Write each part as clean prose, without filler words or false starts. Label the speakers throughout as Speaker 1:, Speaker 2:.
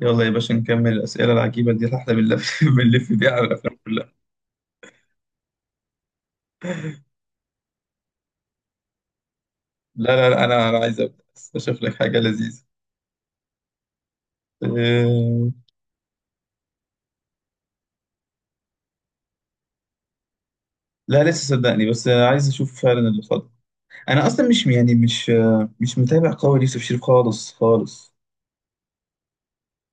Speaker 1: يلا يا باشا، نكمل الأسئلة العجيبة دي اللي احنا بنلف بنلف بيها على الأفلام كلها. لا، لا، لا، أنا عايز أبدأ. أشوف لك حاجة لذيذة. أه... لا، لسه صدقني، بس عايز أشوف فعلا اللي فاضل. أنا أصلا مش، يعني، مش متابع قوي ليوسف شريف، خالص خالص.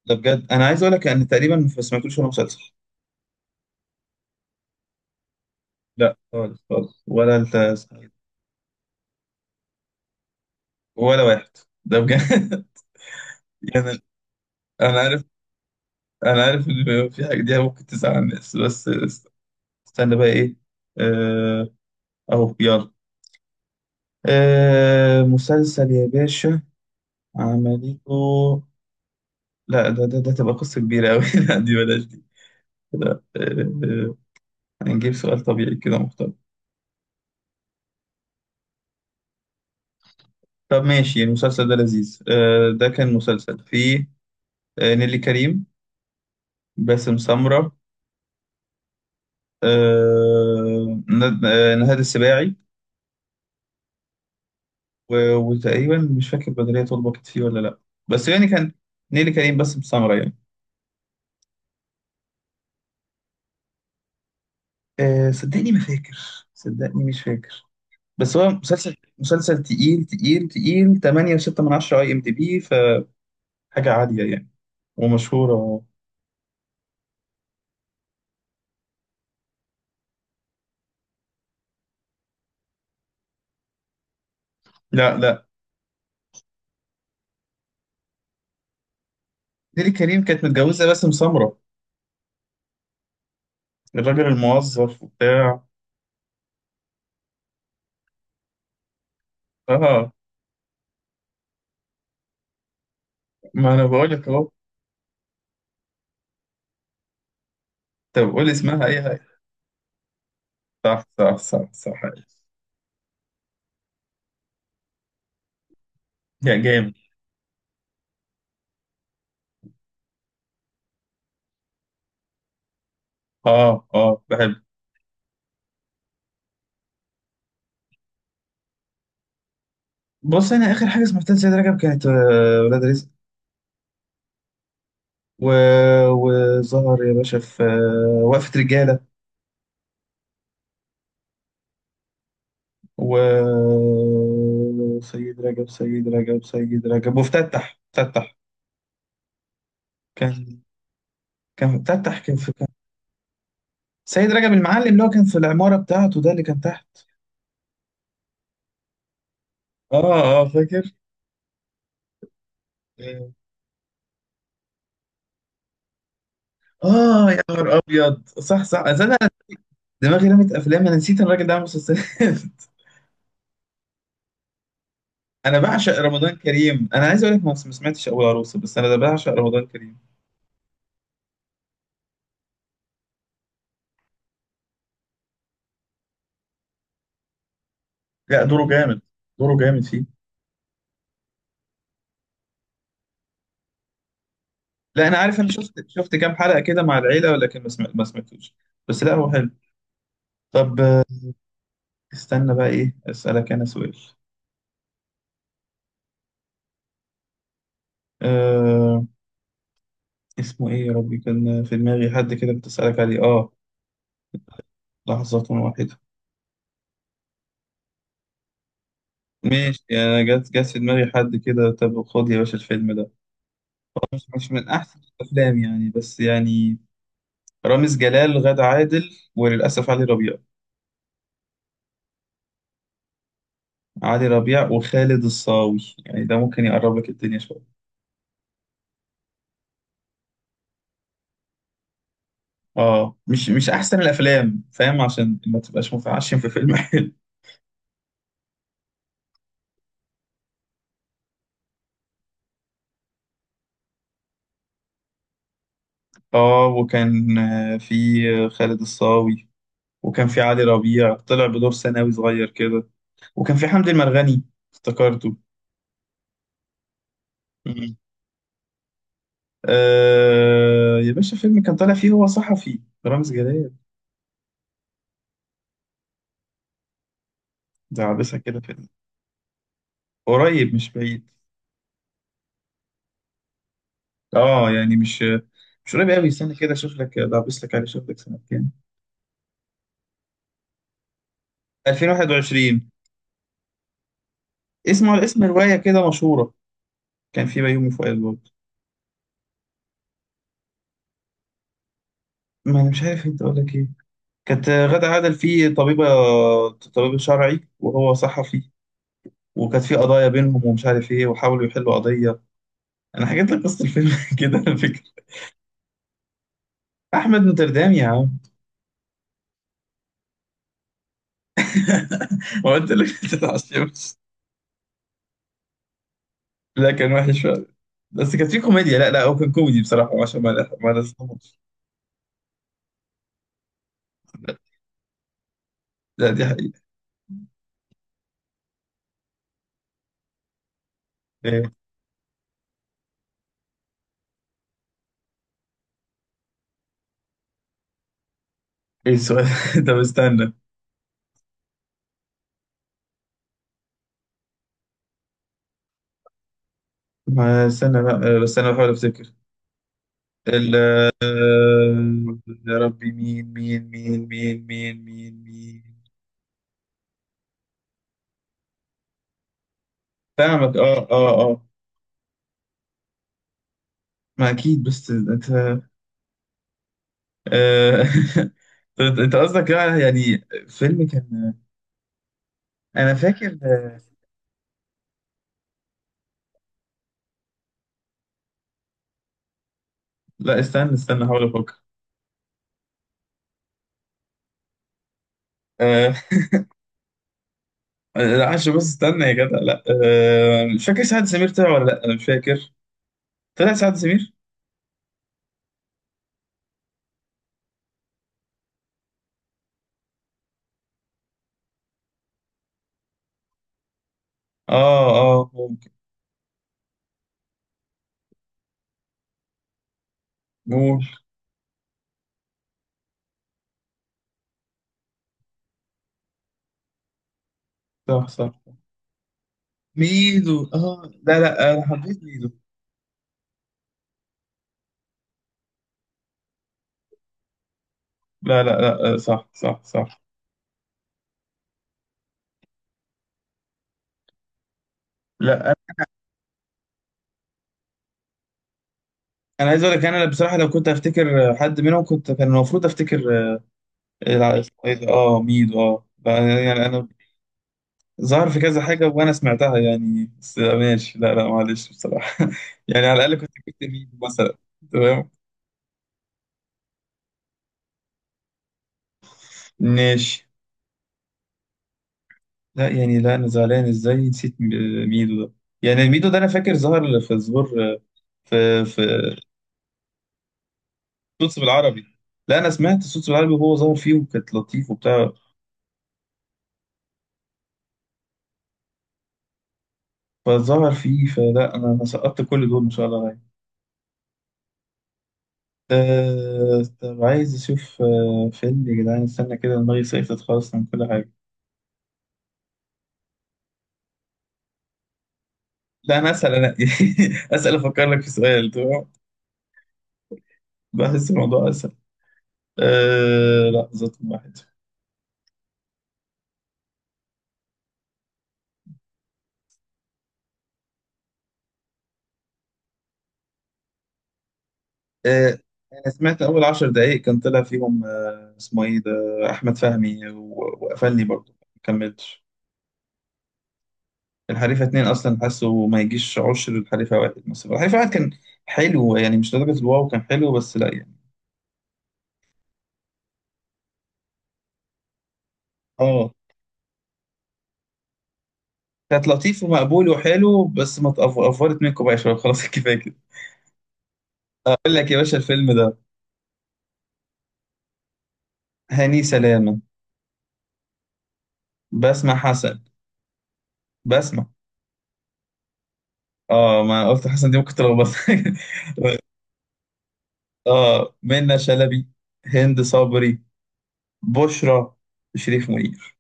Speaker 1: ده بجد، أنا عايز أقول لك أن تقريبا ما سمعتلوش ولا مسلسل. لا، خالص خالص، ولا واحد. ده بجد. يعني أنا عارف، أنا عارف إن في حاجة دي ممكن تزعل الناس، بس استنى بقى إيه؟ أه... أهو، يلا. آه، مسلسل يا باشا، عملته؟ لا، ده تبقى قصة كبيرة أوي. لا، دي بلاش دي، كده. آه، هنجيب سؤال طبيعي كده محترم. طب ماشي، المسلسل ده لذيذ، ده كان مسلسل فيه نيلي كريم، باسم سمرة، نهاد السباعي. وتقريبا مش فاكر بدرية طلبة كانت فيه ولا لأ، بس يعني كان نيلي كريم، باسم سمرة يعني. صدقني ما فاكر، صدقني مش فاكر. بس هو مسلسل مسلسل تقيل تقيل تقيل 8 و6 من 10 IMDB فحاجة عالية يعني، ومشهورة. لا، لا، نيلي كريم كانت متجوزة باسم سمرة، الراجل الموظف وبتاع. اه، ما انا بقول لك اهو. طب قول اسمها اي حاجة. صح، صح، صح، صح. يا جامد. اه، اه، بحب. بص، انا اخر حاجة سمعتها لسيد رجب كانت ولاد رزق. و... وظهر يا باشا في وقفة رجالة. وسيد رجب، وفتتح. كان، كان فتتح كان في كان سيد رجب المعلم اللي هو كان في العمارة بتاعته، ده اللي كان تحت. اه، اه، فاكر. اه، يا نهار ابيض، صح، صح، أصل انا دماغي رمت افلام، انا نسيت إن الراجل ده عامل مسلسلات. انا بعشق رمضان كريم، انا عايز اقول لك ما سمعتش اول عروسه، بس انا ده بعشق رمضان كريم. لا، دوره جامد، دوره جامد فيه. لا، انا عارف، انا شفت كام حلقه كده مع العيله، ولكن ما سمعتوش. بس لا، هو حلو. طب استنى بقى، ايه، اسالك انا سؤال. آه، اسمه ايه يا ربي؟ كان في دماغي حد كده كنت اسالك عليه، اه. لحظة واحدة. ماشي، انا جت في دماغي حد كده. طب خد يا باشا الفيلم ده، هو مش من احسن الافلام يعني، بس يعني، رامز جلال، غادة عادل، وللاسف علي ربيع، علي ربيع وخالد الصاوي، يعني ده ممكن يقرب لك الدنيا شويه. اه، مش احسن الافلام، فاهم، عشان ما تبقاش متعشم في فيلم. حلو. اه، وكان في خالد الصاوي، وكان في علي ربيع طلع بدور ثانوي صغير كده، وكان في حمدي المرغني، افتكرته. مم. آه يا باشا، فيلم كان طالع فيه، هو صحفي، رامز جلال، ده عابسة كده فيلم. قريب مش بعيد. اه يعني مش قريب قوي. استنى كده، اشوف لك، ده عابس لك عليه، اشوف لك سنة كام. 2021. اسمه على اسم رواية كده مشهورة، كان في بيومي فؤاد برضه. ما انا مش عارف انت اقول لك ايه. كانت غادة عادل فيه طبيبة، طبيب شرعي، وهو صحفي، وكانت في قضايا بينهم ومش عارف ايه، وحاولوا يحلوا قضيه. انا حكيت لك قصه الفيلم. كده على فكره. احمد نوتردام يا عم. ما قلت لك. ما تتعشمش. لا، كان وحش فعلا، بس كانت في كوميديا، لا لا، هو كان كوميدي بصراحه، عشان ما ما نصدمش. لا، لا، دي حقيقه. ايه ايه السؤال؟ طب استنى. ما استنى بقى، بس انا بحاول افتكر. ال يا ربي، مين، مين، مين، مين، مين، مين، مين. فاهمك، اه، اه، اه. ما اكيد، بس انت، آه، طب انت قصدك يعني فيلم كان، انا فاكر، لا، استنى استنى، هحاول افكر. آه، لا عشان بس استنى يا جدع، لا، مش فاكر سعد سمير طلع ولا لا، انا مش فاكر. طلع سعد سمير. اه، اه، ممكن. ممكن. صح، صح، ميدو، اه، لا، لا، انا حبيت ميدو. لا، لا، لا، صح، صح، صح. لا، انا عايز اقول لك انا بصراحه، لو كنت افتكر حد منهم كنت كان المفروض افتكر. اسمه ايه ده، اه، ميدو، اه، لا، يعني انا ظهر في كذا حاجة وأنا سمعتها يعني، بس ماشي، لا لا، معلش بصراحة. يعني على الأقل كنت جبت ميدو مثلا. تمام. ماشي. لا يعني، لا أنا زعلان إزاي نسيت ميدو ده. يعني ميدو ده أنا فاكر ظهر في ظهور، في صوت بالعربي. لا، أنا سمعت صوت بالعربي وهو ظهر فيه وكانت لطيف وبتاع. فظهر فيه، فلا أنا سقطت كل دول إن شاء الله يعني. طب عايز أشوف فيلم يا جدعان. استنى كده، دماغي صيفت خالص من كل حاجة. لا، انا اسال انا. اسال افكر لك في سؤال، تمام. بحس الموضوع اسهل. لا، رقم واحد. أه انا سمعت اول 10 دقائق، كان طلع فيهم، اسمه ايه ده، احمد فهمي، وقفلني برضه، ما كملتش. الحريفه اتنين اصلا، حاسه ما يجيش عشر الحريفه واحد، مثلا الحريفه واحد كان حلو يعني، مش لدرجه الواو، كان حلو، بس لا يعني. اه، كانت لطيف ومقبول وحلو، بس ما تقف- افورت منكم بقى يا شباب. خلاص، كفايه كده. اقول لك يا باشا الفيلم ده: هاني سلامه، بسمة حسن، بسمة. اه، ما قلت حسن، دي ممكن تلخبط. اه، منى شلبي، هند صبري، بشرى، شريف منير.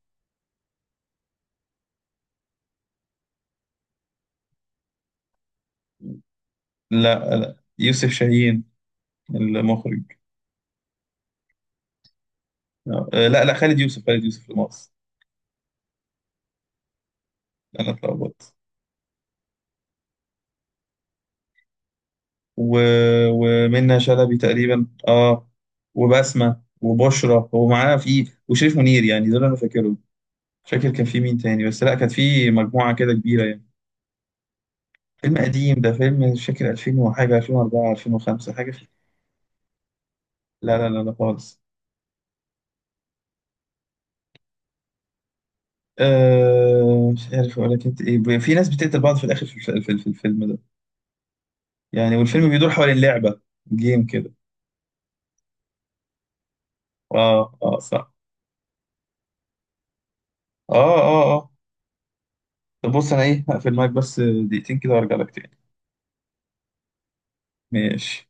Speaker 1: لا، لا، يوسف شاهين، المخرج. آه، لا، لا، خالد يوسف، المقص. انا اتلخبطت. و... ومنى شلبي تقريبا، اه، وبسمة وبشرى هو معاه في وشريف منير يعني، دول انا فاكرهم. مش فاكر كان في مين تاني، بس لا، كانت في مجموعة كده كبيرة يعني. فيلم قديم ده، فيلم مش فاكر 2000 وحاجة، 2004، 2005 حاجة لا، لا، لا، لا، خالص. آه، مش عارف ولا كانت ايه، في ناس بتقتل بعض في الاخر في الفيلم ده، يعني والفيلم بيدور حوالين لعبه جيم كده. اه، اه، صح. اه، اه، اه. طب بص، انا ايه، هقفل معاك بس دقيقتين كده وارجع لك تاني. ماشي.